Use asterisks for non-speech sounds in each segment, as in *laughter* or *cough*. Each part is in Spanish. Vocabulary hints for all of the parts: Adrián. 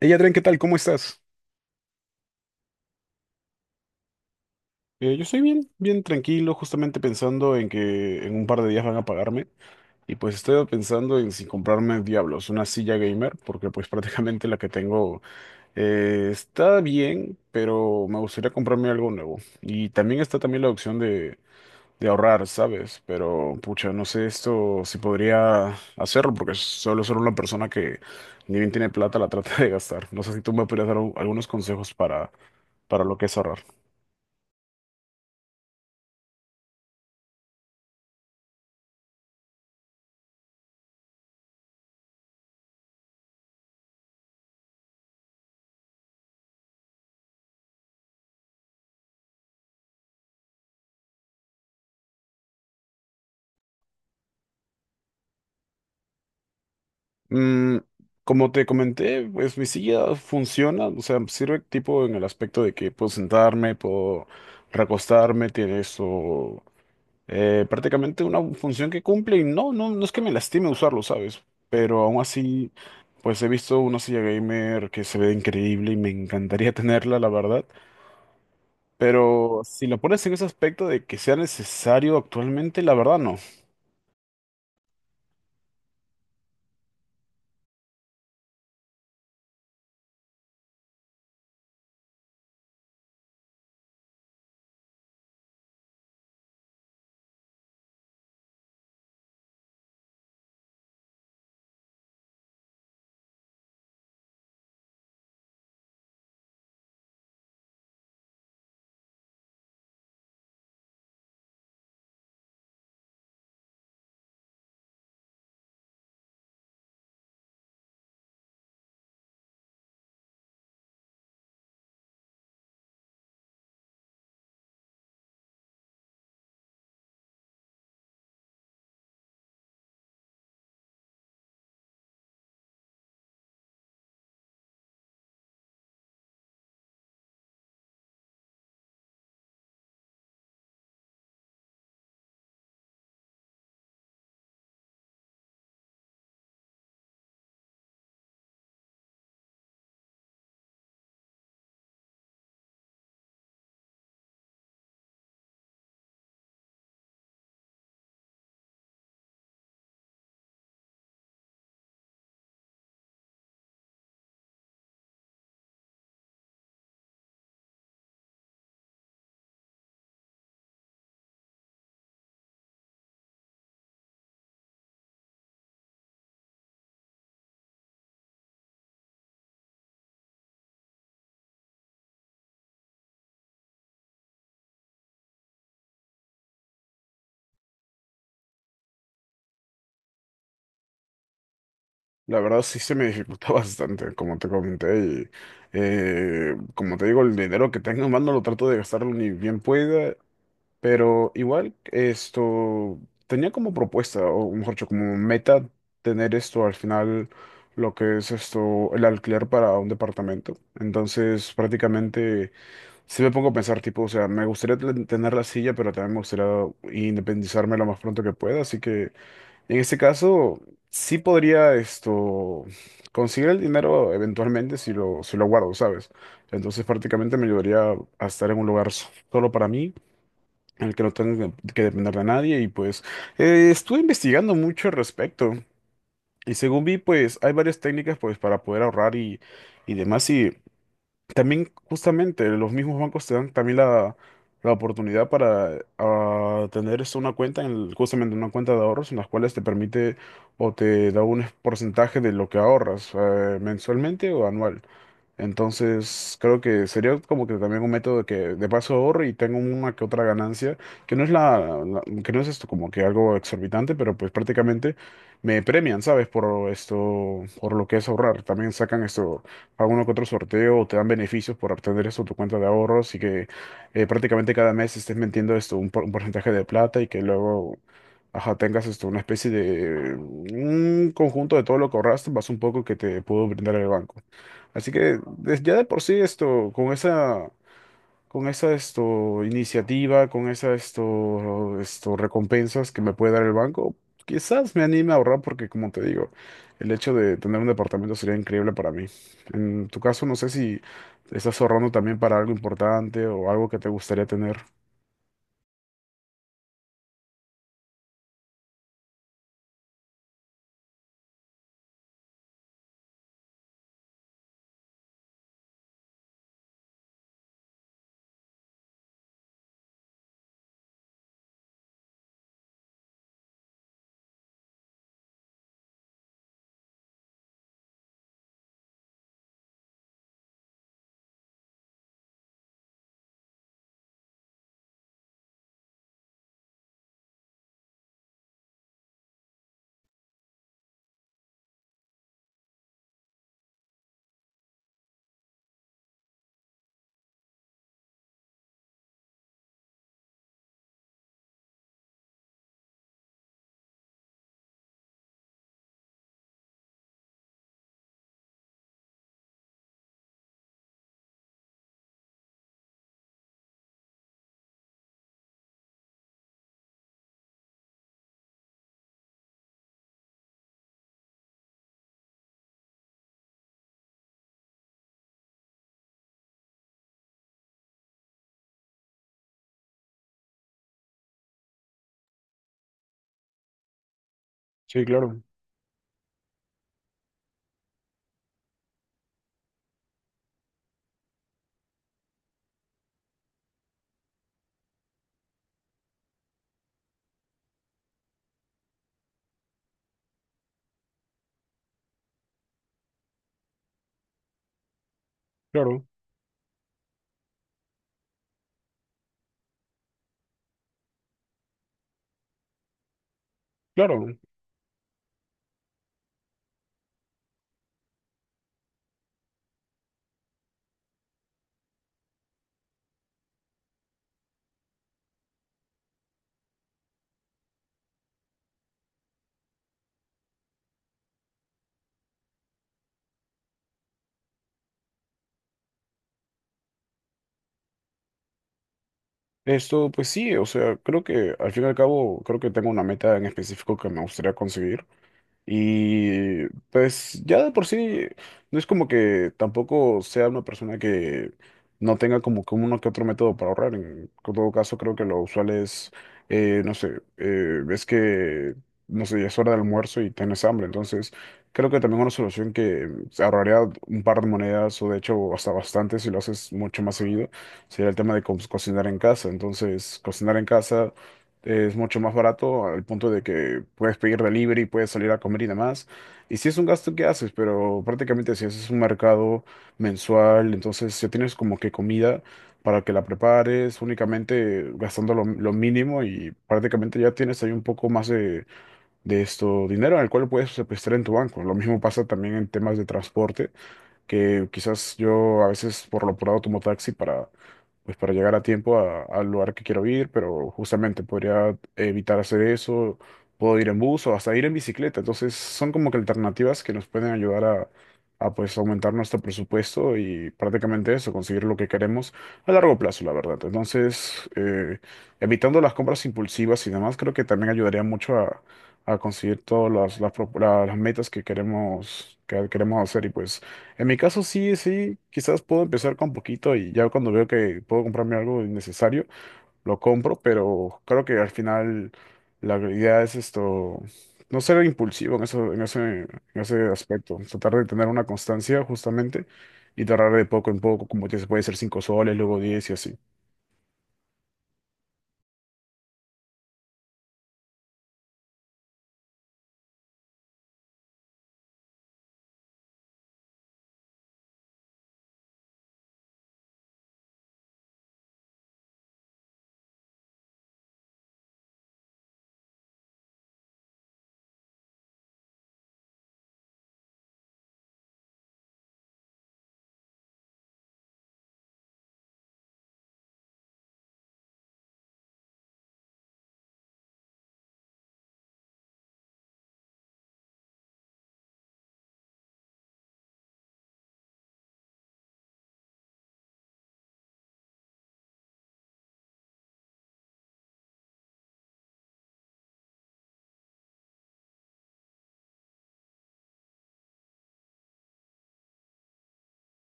Ella, Adrián, ¿qué tal? ¿Cómo estás? Yo estoy bien, bien tranquilo, justamente pensando en que en un par de días van a pagarme. Y pues estoy pensando en si comprarme Diablos, una silla gamer, porque pues *laughs* prácticamente la que tengo está bien, pero me gustaría comprarme algo nuevo. Y también está también la opción de ahorrar, ¿sabes? Pero pucha, no sé esto si podría hacerlo, porque solo soy una persona que ni bien tiene plata, la *laughs* trata de gastar. No sé si tú me podrías dar algunos consejos para lo que es ahorrar. Mm, como te comenté, pues mi silla funciona, o sea, sirve tipo en el aspecto de que puedo sentarme, puedo recostarme, tiene eso, prácticamente una función que cumple y no, no, no es que me lastime usarlo, ¿sabes? Pero aún así, pues he visto una silla gamer que se ve increíble y me encantaría *laughs* tenerla, la verdad. Pero si la pones en ese aspecto de que sea necesario actualmente, la verdad no. La verdad sí se me dificulta *laughs* bastante, como te comenté, y como te digo, el dinero que tengo en mano lo trato de gastarlo ni bien pueda, pero igual esto tenía como propuesta, o mejor dicho, como meta tener esto al final, lo que es esto, el alquiler para un departamento. Entonces prácticamente sí me pongo a pensar, tipo, o sea, me gustaría tener la silla, pero también me gustaría independizarme lo más pronto que pueda, así que... En este caso, sí podría esto conseguir el dinero eventualmente si lo, si lo guardo, ¿sabes? Entonces prácticamente me ayudaría a estar en un lugar solo para mí, en el que no tenga que depender de nadie. Y pues estuve investigando mucho al respecto. Y según vi, pues hay varias técnicas pues para poder ahorrar y demás. También justamente los mismos bancos te dan también la oportunidad para ah, tener esto, una cuenta, en justamente una cuenta de ahorros en las cuales te permite o te da un porcentaje de lo que ahorras, mensualmente o anual. Entonces, creo que sería como que también un método que de paso ahorro y tengo una que otra ganancia, que no es que no es esto como que algo exorbitante, pero pues prácticamente me premian, ¿sabes? Por esto, por lo que es ahorrar. También sacan esto, alguno que otro sorteo, o te dan beneficios por obtener esto tu cuenta de ahorros y que prácticamente cada mes estés metiendo esto un, un porcentaje de plata y que luego, ajá, tengas esto, una especie de un conjunto de todo lo que ahorraste, más un poco que te pudo brindar el banco. Así que ya de por sí esto, con esa esto, iniciativa, con esa esto, esto, recompensas que me puede dar el banco, quizás me anime a ahorrar porque, como te digo, el hecho de tener un departamento sería increíble para mí. En tu caso, no sé si estás ahorrando también para algo importante o algo que te gustaría tener. Sí, claro, claro, claro. Esto, pues sí, o sea, creo que al fin y al cabo, creo que tengo una meta en específico que me gustaría conseguir. Y pues ya de por sí, no es como que tampoco sea una persona que no tenga como que uno que otro método para ahorrar. En todo caso, creo que lo usual es, es que, no sé, ya es hora de almuerzo y tienes hambre. Entonces, creo que también una solución que se ahorraría un par de monedas o de hecho hasta bastante si lo haces mucho más seguido, sería el tema de cocinar en casa. Entonces, cocinar en casa es mucho más barato al punto de que puedes pedir delivery, puedes salir a comer y demás. Y sí es un gasto que haces, pero prácticamente si haces un mercado mensual, entonces ya tienes como que comida para que la prepares únicamente gastando lo mínimo y prácticamente ya tienes ahí un poco más de esto dinero al cual puedes, este, prestar en tu banco. Lo mismo pasa también en temas de transporte, que quizás yo a veces por lo apurado tomo taxi pues, para llegar a tiempo al lugar que quiero ir, pero justamente podría evitar hacer eso, puedo ir en bus o hasta ir en bicicleta. Entonces son como que alternativas que nos pueden ayudar a pues aumentar nuestro presupuesto y prácticamente eso, conseguir lo que queremos a largo plazo, la verdad. Entonces, evitando las compras impulsivas y demás, creo que también ayudaría mucho a conseguir todas las metas que queremos hacer y pues... En mi caso sí, sí, quizás puedo empezar con poquito y ya cuando veo que puedo comprarme algo innecesario, lo compro, pero creo que al final la idea es esto, no ser impulsivo en eso, en ese aspecto, tratar de tener una constancia justamente y tratar de poco en poco, como que se puede ser 5 soles, luego 10 y así.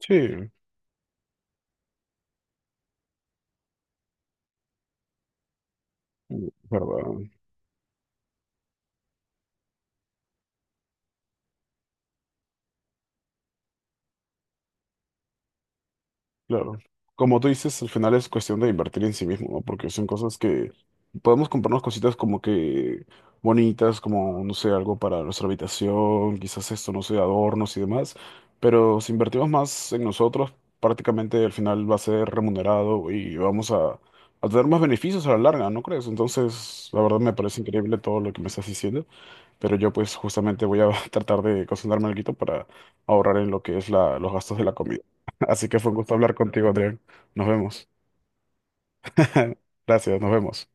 Sí, es verdad. Claro. Como tú dices, al final es cuestión de invertir en sí mismo, ¿no? Porque son cosas que podemos comprarnos cositas como que bonitas, como, no sé, algo para nuestra habitación, quizás esto, no sé, adornos y demás. Pero si invertimos más en nosotros, prácticamente al final va a ser remunerado y vamos a tener más beneficios a la larga, ¿no crees? Entonces, la verdad me parece increíble todo lo que me estás diciendo. Pero yo pues justamente voy a *laughs* tratar de cocinarme algo para ahorrar en lo que es los gastos de la comida. *laughs* Así que fue un gusto hablar contigo, Adrián. Nos vemos. *laughs* Gracias, nos vemos.